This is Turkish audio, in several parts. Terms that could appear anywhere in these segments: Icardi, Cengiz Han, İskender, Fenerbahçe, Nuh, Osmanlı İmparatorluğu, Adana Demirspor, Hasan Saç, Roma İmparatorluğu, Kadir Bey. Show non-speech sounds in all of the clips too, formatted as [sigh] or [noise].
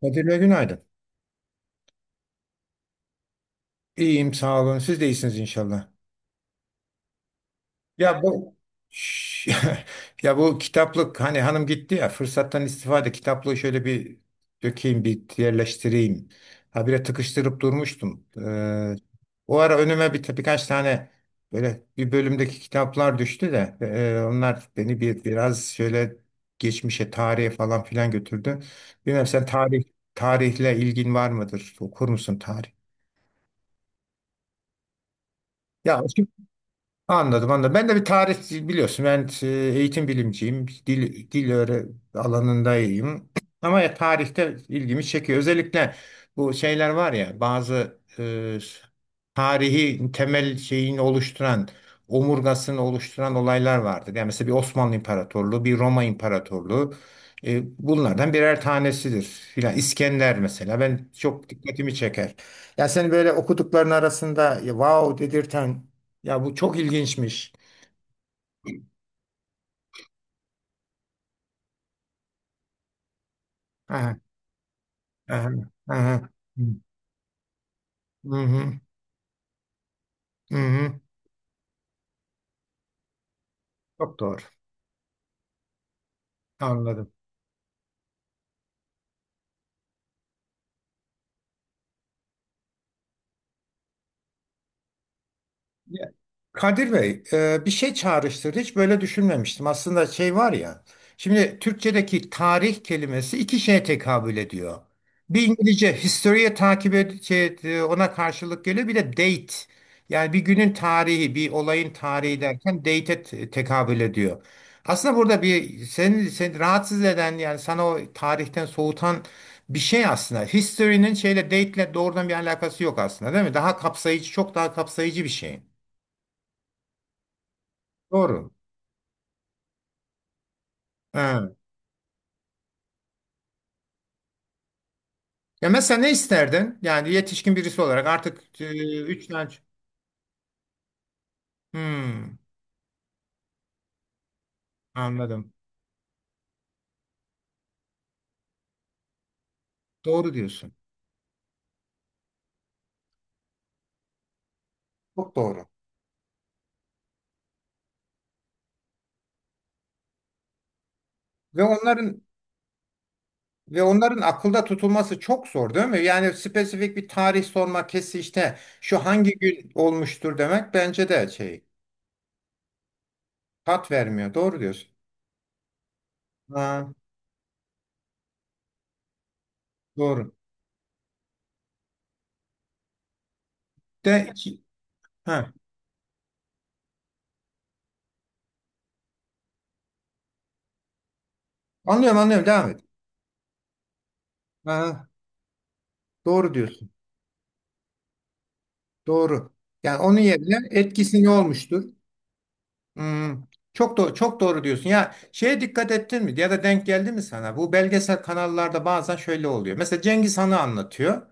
Kadir Bey günaydın. İyiyim sağ olun. Siz de iyisiniz inşallah. Ya bu Şş, [laughs] ya bu kitaplık hani hanım gitti ya fırsattan istifade kitaplığı şöyle bir dökeyim bir yerleştireyim. Habire tıkıştırıp durmuştum. O ara önüme birkaç tane böyle bir bölümdeki kitaplar düştü de onlar beni bir biraz şöyle geçmişe tarihe falan filan götürdü. Bilmem sen tarihle ilgin var mıdır? Okur musun tarih? Ya Anladım, anladım. Ben de bir tarih biliyorsun. Ben eğitim bilimciyim. Dil öğre alanında iyiyim. [clears throat] Ama ya tarihte ilgimi çekiyor. Özellikle bu şeyler var ya bazı tarihi temel şeyini oluşturan, omurgasını oluşturan olaylar vardır. Yani mesela bir Osmanlı İmparatorluğu, bir Roma İmparatorluğu e, bunlardan birer tanesidir. Filan İskender mesela ben çok dikkatimi çeker. Ya sen böyle okudukların arasında ya, wow dedirten ya bu çok ilginçmiş. Aha, aha, aha. Hı hı, hı hı. Çok doğru. Anladım. Ya, Kadir Bey, bir şey çağrıştırdı. Hiç böyle düşünmemiştim. Aslında şey var ya. Şimdi Türkçedeki tarih kelimesi iki şeye tekabül ediyor. Bir İngilizce history'e takip ed şey, ona karşılık geliyor. Bir de date. Yani bir günün tarihi, bir olayın tarihi derken date'e tekabül ediyor. Aslında burada bir seni rahatsız eden yani sana o tarihten soğutan bir şey aslında. History'nin şeyle date'le doğrudan bir alakası yok aslında, değil mi? Çok daha kapsayıcı bir şey. Doğru. Ha. Ya mesela ne isterdin? Yani yetişkin birisi olarak artık üç tane. Hmm, anladım. Doğru diyorsun. Çok doğru. Ve onların ve onların akılda tutulması çok zor değil mi? Yani spesifik bir tarih sormak kesin işte şu hangi gün olmuştur demek bence de şey tat vermiyor. Doğru diyorsun. Ha, doğru. De, ha, anlıyorum anlıyorum devam et. Ha, doğru diyorsun. Doğru. Yani onun yerine etkisi ne olmuştur? Hmm, çok doğru, çok doğru diyorsun. Ya şeye dikkat ettin mi? Ya da denk geldi mi sana? Bu belgesel kanallarda bazen şöyle oluyor. Mesela Cengiz Han'ı anlatıyor.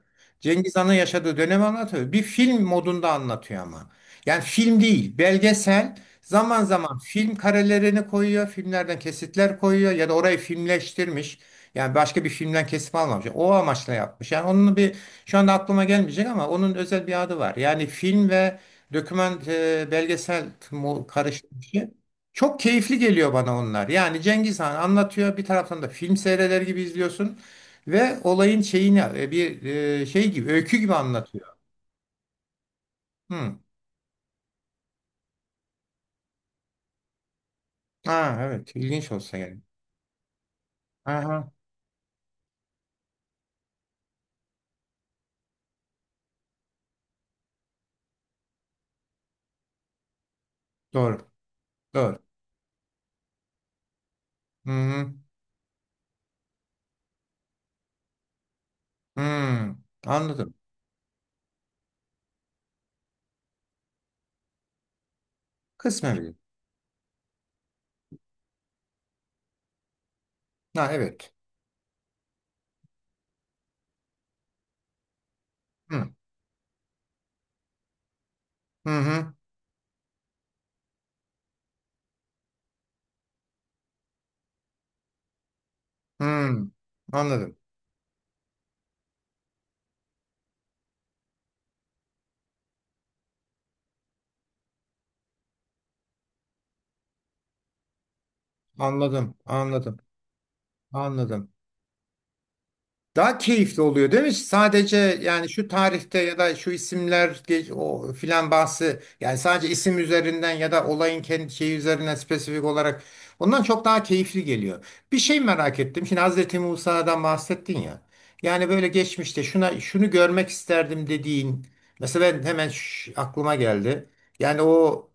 Cengiz Han'ın yaşadığı dönemi anlatıyor. Bir film modunda anlatıyor ama. Yani film değil, belgesel. Zaman zaman film karelerini koyuyor, filmlerden kesitler koyuyor ya da orayı filmleştirmiş. Yani başka bir filmden kesim almamış. O amaçla yapmış. Yani onun bir şu anda aklıma gelmeyecek ama onun özel bir adı var. Yani film ve doküman belgesel mu- karışmışı. Çok keyifli geliyor bana onlar. Yani Cengiz Han anlatıyor bir taraftan da film seyreder gibi izliyorsun ve olayın şeyini şey gibi öykü gibi anlatıyor. Hı. Ha evet ilginç olsa gerek. Aha doğru doğru. Hı hı. Hı. Anladım. Kısmen bir. Ha evet. Hı hı hı. Hı. Anladım. Anladım. Anladım. Anladım. Daha keyifli oluyor değil mi? Sadece yani şu tarihte ya da şu isimler ge- o filan bahsi yani sadece isim üzerinden ya da olayın kendi şeyi üzerinden spesifik olarak ondan çok daha keyifli geliyor. Bir şey merak ettim. Şimdi Hazreti Musa'dan bahsettin ya. Yani böyle geçmişte şuna şunu görmek isterdim dediğin mesela ben hemen şş- aklıma geldi. Yani o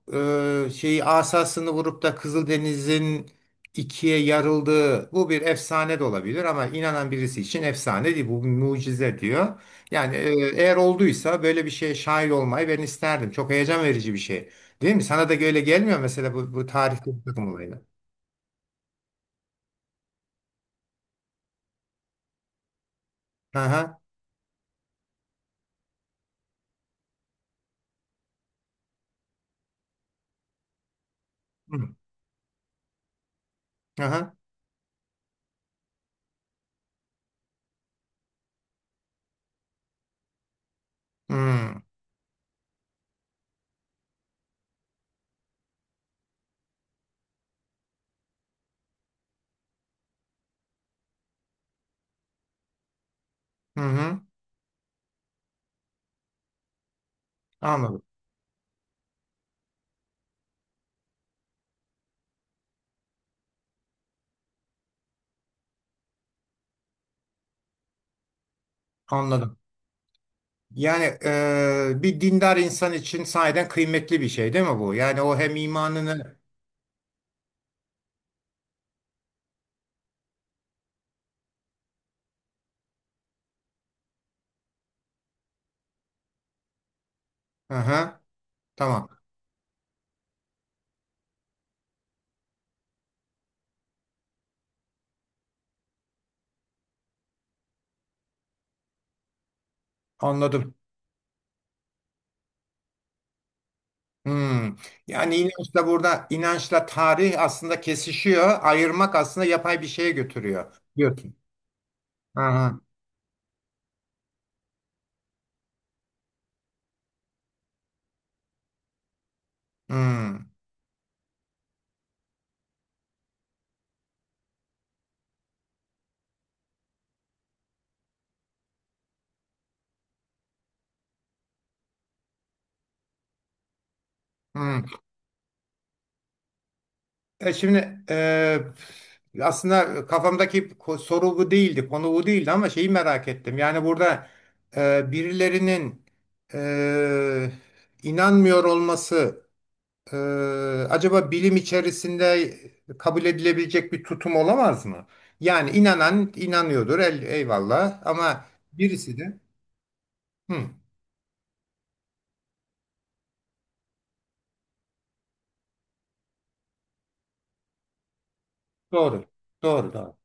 şeyi asasını vurup da Kızıldeniz'in ikiye yarıldığı bu bir efsane de olabilir ama inanan birisi için efsane değil bu bir mucize diyor. Yani eğer olduysa böyle bir şeye şahit olmayı ben isterdim. Çok heyecan verici bir şey. Değil mi? Sana da böyle gelmiyor mesela bu tarihte bir takım olaylar. Hı hı. Hı hı. Hı hı. hı. Anladım. Anladım. Yani bir dindar insan için sahiden kıymetli bir şey değil mi bu? Yani o hem imanını... Hı hı. Tamam. Anladım. Hmm. Yani inançla burada tarih aslında kesişiyor. Ayırmak aslında yapay bir şeye götürüyor diyorsun. Aha. Hmm. Hmm. E şimdi e, aslında kafamdaki ko- soru bu değildi, konu bu değildi ama şeyi merak ettim. Yani burada birilerinin e, inanmıyor olması Ee, acaba bilim içerisinde kabul edilebilecek bir tutum olamaz mı? Yani inanan inanıyordur, el, eyvallah. Ama birisi de hı, doğru, doğru.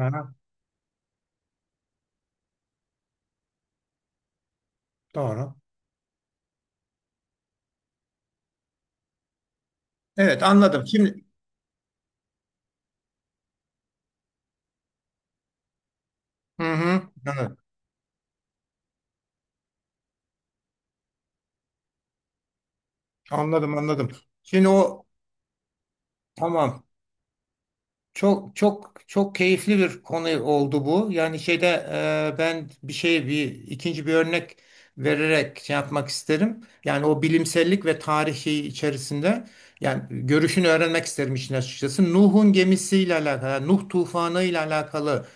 Aha, doğru. Evet, anladım. Şimdi hı hı, anladım, anladım. Anladım. Şimdi o tamam. Çok çok çok keyifli bir konu oldu bu. Yani şeyde ben bir şey bir ikinci bir örnek vererek şey yapmak isterim. Yani o bilimsellik ve tarihi içerisinde yani görüşünü öğrenmek isterim işin açıkçası. Nuh'un gemisiyle alakalı, Nuh tufanı ile alakalı.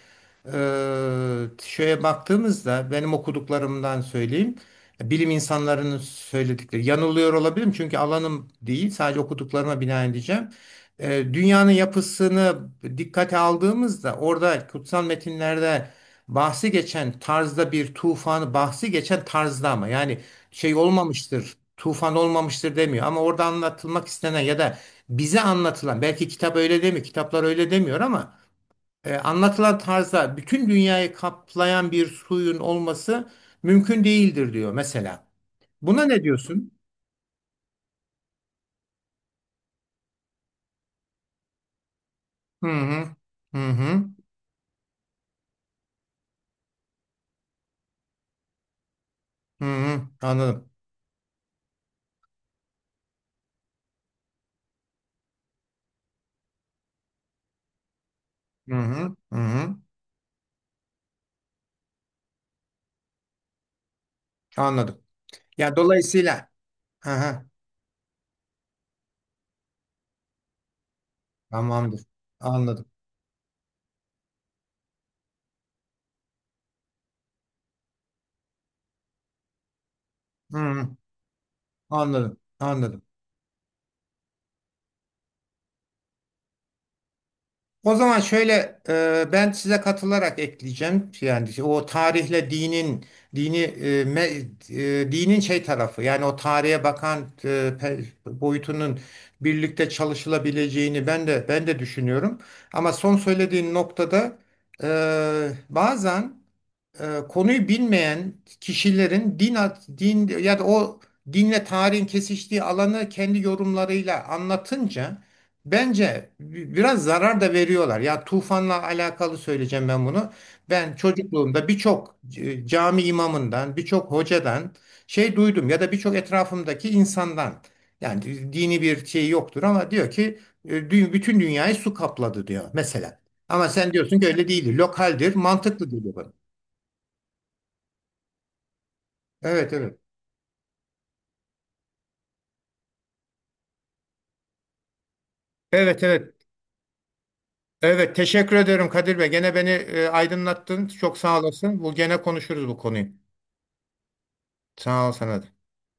Şeye baktığımızda benim okuduklarımdan söyleyeyim. Bilim insanlarının söyledikleri yanılıyor olabilirim çünkü alanım değil sadece okuduklarıma binaen diyeceğim. Dünyanın yapısını dikkate aldığımızda orada kutsal metinlerde bahsi geçen tarzda ama yani şey olmamıştır tufan olmamıştır demiyor ama orada anlatılmak istenen ya da bize anlatılan belki kitaplar öyle demiyor ama anlatılan tarzda bütün dünyayı kaplayan bir suyun olması mümkün değildir diyor mesela. Buna ne diyorsun? Hı hı. Hı hı. Hı hı. Anladım. Hı hı. Hı hı. Anladım. Ya dolayısıyla aha, tamamdır. Anladım. Hı hı. Anladım. Anladım. O zaman şöyle ben size katılarak ekleyeceğim. Yani o tarihle dinin dini e, me- e, dinin şey tarafı yani o tarihe bakan e, boyutunun birlikte çalışılabileceğini ben de düşünüyorum. Ama son söylediğin noktada bazen konuyu bilmeyen kişilerin din ya da o dinle tarihin kesiştiği alanı kendi yorumlarıyla anlatınca bence bi- biraz zarar da veriyorlar. Ya tufanla alakalı söyleyeceğim ben bunu. Ben çocukluğumda birçok c- cami imamından, birçok hocadan şey duydum ya da birçok etrafımdaki insandan yani dini bir şey yoktur ama diyor ki bütün dünyayı su kapladı diyor mesela. Ama sen diyorsun ki öyle değil. Lokaldir, mantıklı değil. Evet, evet. Evet, evet. Evet teşekkür ediyorum Kadir Bey. Gene beni aydınlattın. Çok sağ olasın. Bu gene konuşuruz bu konuyu. Sağ ol sana da.